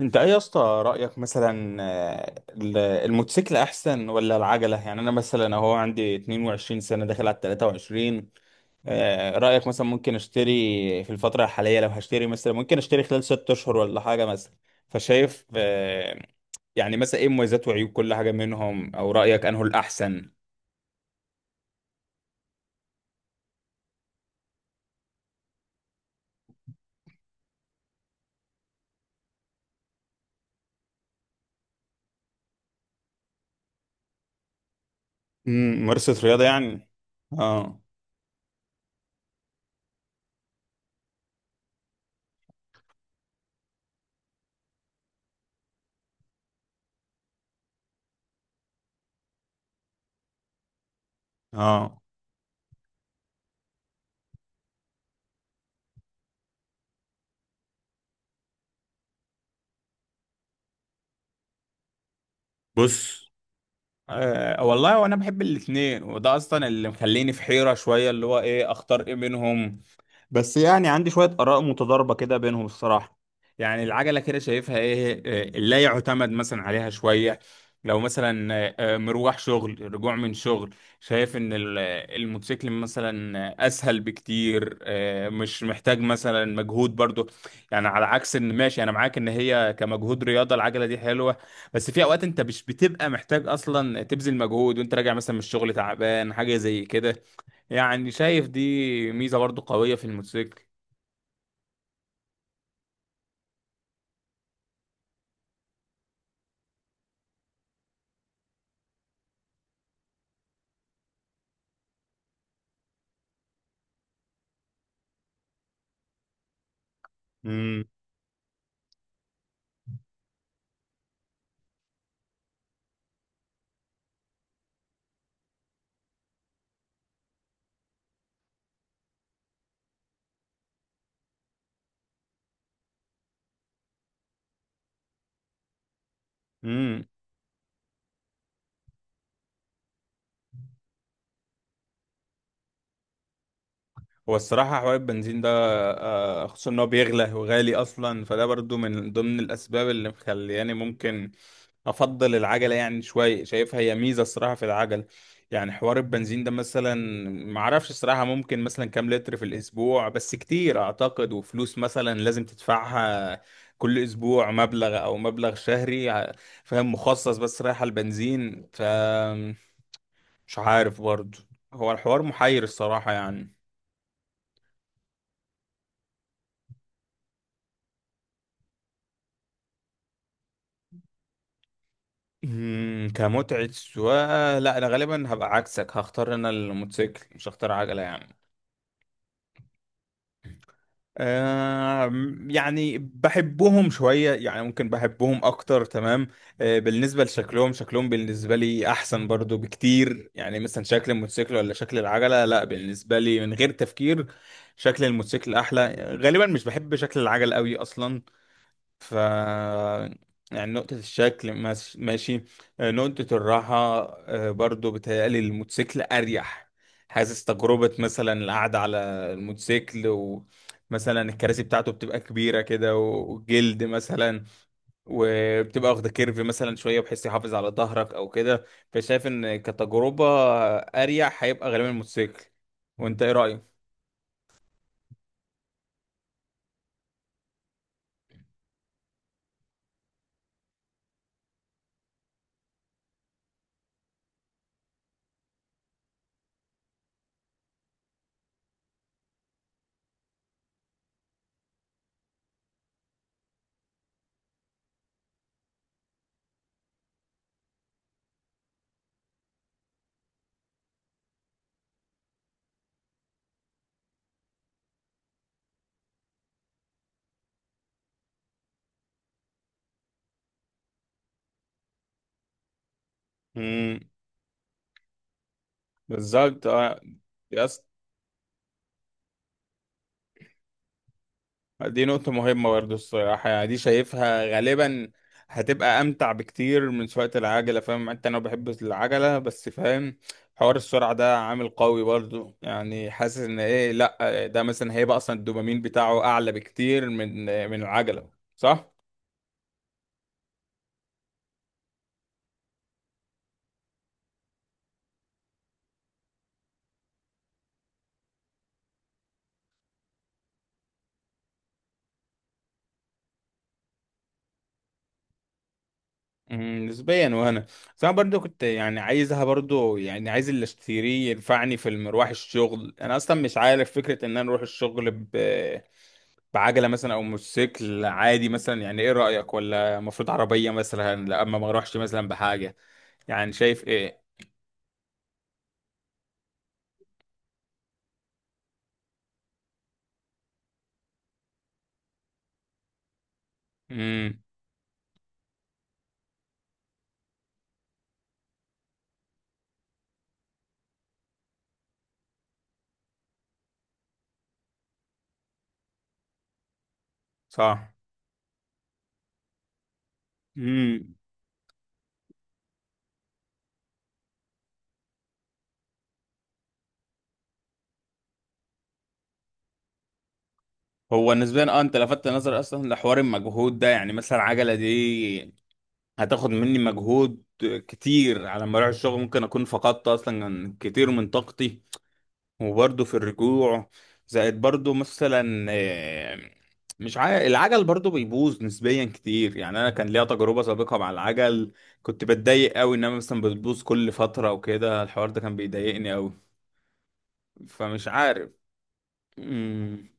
انت ايه يا اسطى؟ رأيك مثلا الموتوسيكل احسن ولا العجلة؟ يعني انا مثلا اهو عندي 22 سنة داخل على 23. رأيك مثلا ممكن اشتري في الفترة الحالية، لو هشتري مثلا ممكن اشتري خلال 6 اشهر ولا حاجة مثلا؟ فشايف يعني مثلا ايه مميزات وعيوب كل حاجة منهم، او رأيك انه الاحسن؟ مم، ممارسة رياضة يعني. اه. اه. بص. أه والله وانا بحب الاثنين، وده اصلا اللي مخليني في حيرة شوية اللي هو ايه اختار ايه منهم. بس يعني عندي شوية آراء متضاربة كده بينهم الصراحة. يعني العجلة كده شايفها إيه؟ لا يعتمد مثلا عليها شوية. لو مثلا مروح شغل، رجوع من شغل، شايف إن الموتوسيكل مثلا أسهل بكتير، مش محتاج مثلا مجهود برضو. يعني على عكس إن ماشي أنا معاك إن هي كمجهود رياضة العجلة دي حلوة، بس في أوقات أنت مش بتبقى محتاج أصلا تبذل مجهود وأنت راجع مثلا من الشغل تعبان حاجة زي كده. يعني شايف دي ميزة برضو قوية في الموتوسيكل. امم. امم. هو الصراحة حوار البنزين ده خصوصا ان هو بيغلى وغالي اصلا، فده برضو من ضمن الاسباب اللي مخلياني ممكن افضل العجلة، يعني شوية شايفها هي ميزة الصراحة في العجل. يعني حوار البنزين ده مثلا، معرفش الصراحة ممكن مثلا كام لتر في الاسبوع، بس كتير اعتقد، وفلوس مثلا لازم تدفعها كل اسبوع، مبلغ او مبلغ شهري فاهم مخصص بس رايح على البنزين، ف مش عارف برضه، هو الحوار محير الصراحة يعني. مم، كمتعة سواقة لا أنا غالبا هبقى عكسك، هختار أنا الموتوسيكل مش هختار عجلة يعني. آه. يعني بحبهم شوية يعني ممكن بحبهم أكتر تمام. آه، بالنسبة لشكلهم بالنسبة لي أحسن برضو بكتير، يعني مثلا شكل الموتوسيكل ولا شكل العجلة؟ لا بالنسبة لي من غير تفكير شكل الموتوسيكل أحلى، غالبا مش بحب شكل العجل قوي أصلا. ف يعني نقطة الشكل ماشي. نقطة الراحة برضو بتهيألي الموتوسيكل أريح. حاسس تجربة مثلا القعدة على الموتوسيكل، ومثلا الكراسي بتاعته بتبقى كبيرة كده وجلد مثلا، وبتبقى واخدة كيرف مثلا شوية بحيث يحافظ على ظهرك أو كده. فشايف إن كتجربة أريح هيبقى غالبا الموتوسيكل. وأنت إيه رأيك؟ امم. بالظبط اه. دي نقطة مهمة برضه الصراحة، يعني دي شايفها غالبا هتبقى أمتع بكتير من سواقة العجلة. فاهم أنت، أنا بحب العجلة بس فاهم حوار السرعة ده عامل قوي برضه، يعني حاسس إن إيه، لأ ده مثلا هيبقى أصلا الدوبامين بتاعه أعلى بكتير من العجلة، صح؟ مم، نسبيا. وأنا بس أنا برضه كنت يعني عايزها برضه، يعني عايز اللي أشتريه ينفعني في المروح الشغل، أنا أصلا مش عارف فكرة إن أنا أروح الشغل بعجلة مثلا أو موتوسيكل عادي مثلا. يعني إيه رأيك؟ ولا المفروض عربية مثلا لما ما أروحش مثلا بحاجة؟ يعني شايف إيه؟ امم. صح. امم. هو نسبيا اه، انت لفتت نظري اصلا لحوار المجهود ده، يعني مثلا عجلة دي هتاخد مني مجهود كتير على ما اروح الشغل، ممكن اكون فقدت اصلا كتير من طاقتي، وبرضه في الرجوع. زائد برضه مثلا مش عارف العجل برضه بيبوظ نسبيا كتير، يعني انا كان ليا تجربة سابقة مع العجل، كنت بتضايق قوي انما مثلا بتبوظ كل فترة وكده، الحوار ده كان بيضايقني قوي، فمش عارف. امم.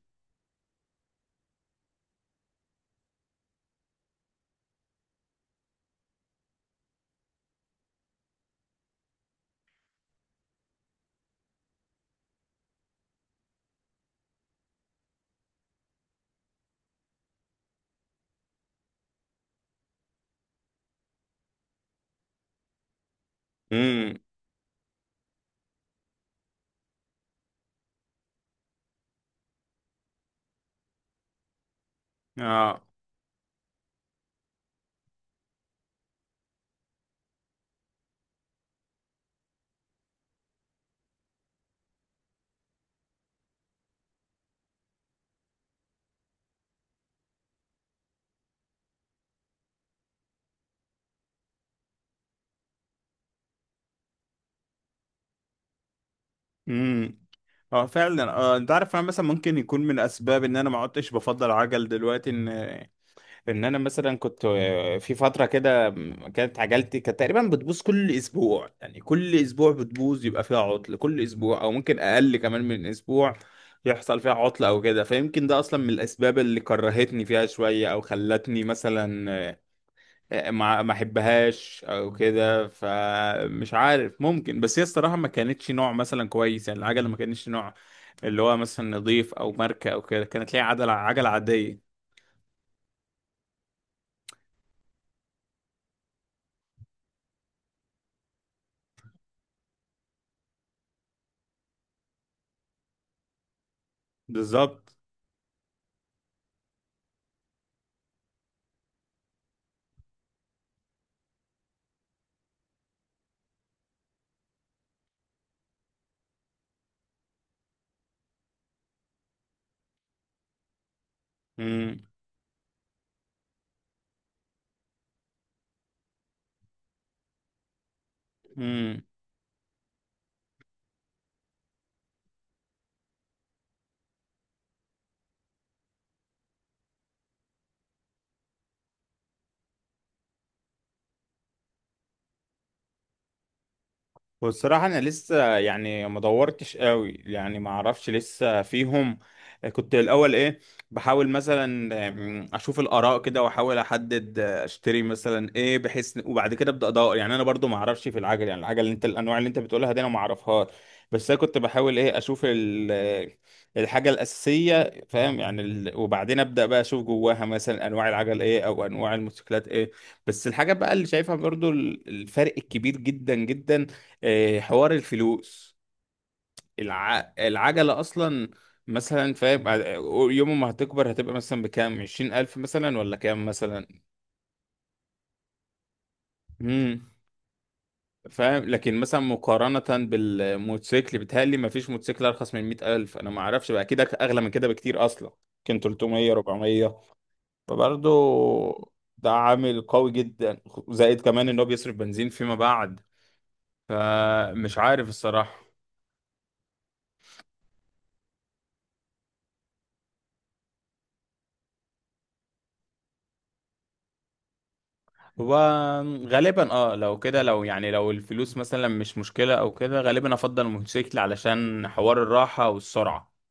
امم. اه. امم. اه فعلا. اه انت عارف، انا مثلا ممكن يكون من اسباب ان انا ما عدتش بفضل عجل دلوقتي ان انا مثلا كنت في فتره كده كانت عجلتي كانت تقريبا بتبوظ كل اسبوع، يعني كل اسبوع بتبوظ يبقى فيها عطل كل اسبوع، او ممكن اقل كمان من اسبوع يحصل فيها عطل او كده. فيمكن ده اصلا من الاسباب اللي كرهتني فيها شويه، او خلتني مثلا ما احبهاش او كده. فمش عارف ممكن، بس هي الصراحه ما كانتش نوع مثلا كويس، يعني العجله ما كانتش نوع اللي هو مثلا نظيف او ماركه او كده، كانت ليها عجله عاديه. بالظبط. امم. والصراحة أنا لسه يعني ما دورتش قوي، يعني ما أعرفش لسه فيهم. كنت الأول إيه بحاول مثلا أشوف الآراء كده وأحاول أحدد أشتري مثلا إيه، بحيث وبعد كده أبدأ أدور. يعني أنا برضو ما أعرفش في العجل، يعني العجل اللي أنت الأنواع اللي أنت بتقولها دي أنا ما أعرفهاش. بس أنا كنت بحاول إيه أشوف الحاجة الأساسية، فاهم يعني وبعدين أبدأ بقى أشوف جواها مثلا أنواع العجل إيه أو أنواع الموتوسيكلات إيه. بس الحاجة بقى اللي شايفها برضو الفرق الكبير جدا جدا حوار الفلوس. العجلة أصلا مثلا فاهم يوم ما هتكبر هتبقى مثلا بكام، 20,000 مثلا ولا كام مثلا. مم. فاهم لكن مثلا مقارنة بالموتوسيكل بيتهيألي مفيش موتوسيكل أرخص من 100,000، أنا معرفش بقى كده أغلى من كده بكتير أصلا، كان 300 400. فبرضه ده عامل قوي جدا، زائد كمان إن هو بيصرف بنزين فيما بعد، فمش عارف الصراحة. هو غالبا اه لو كده، لو يعني لو الفلوس مثلا مش مشكلة او كده، غالبا افضل الموتوسيكل علشان حوار الراحة والسرعة.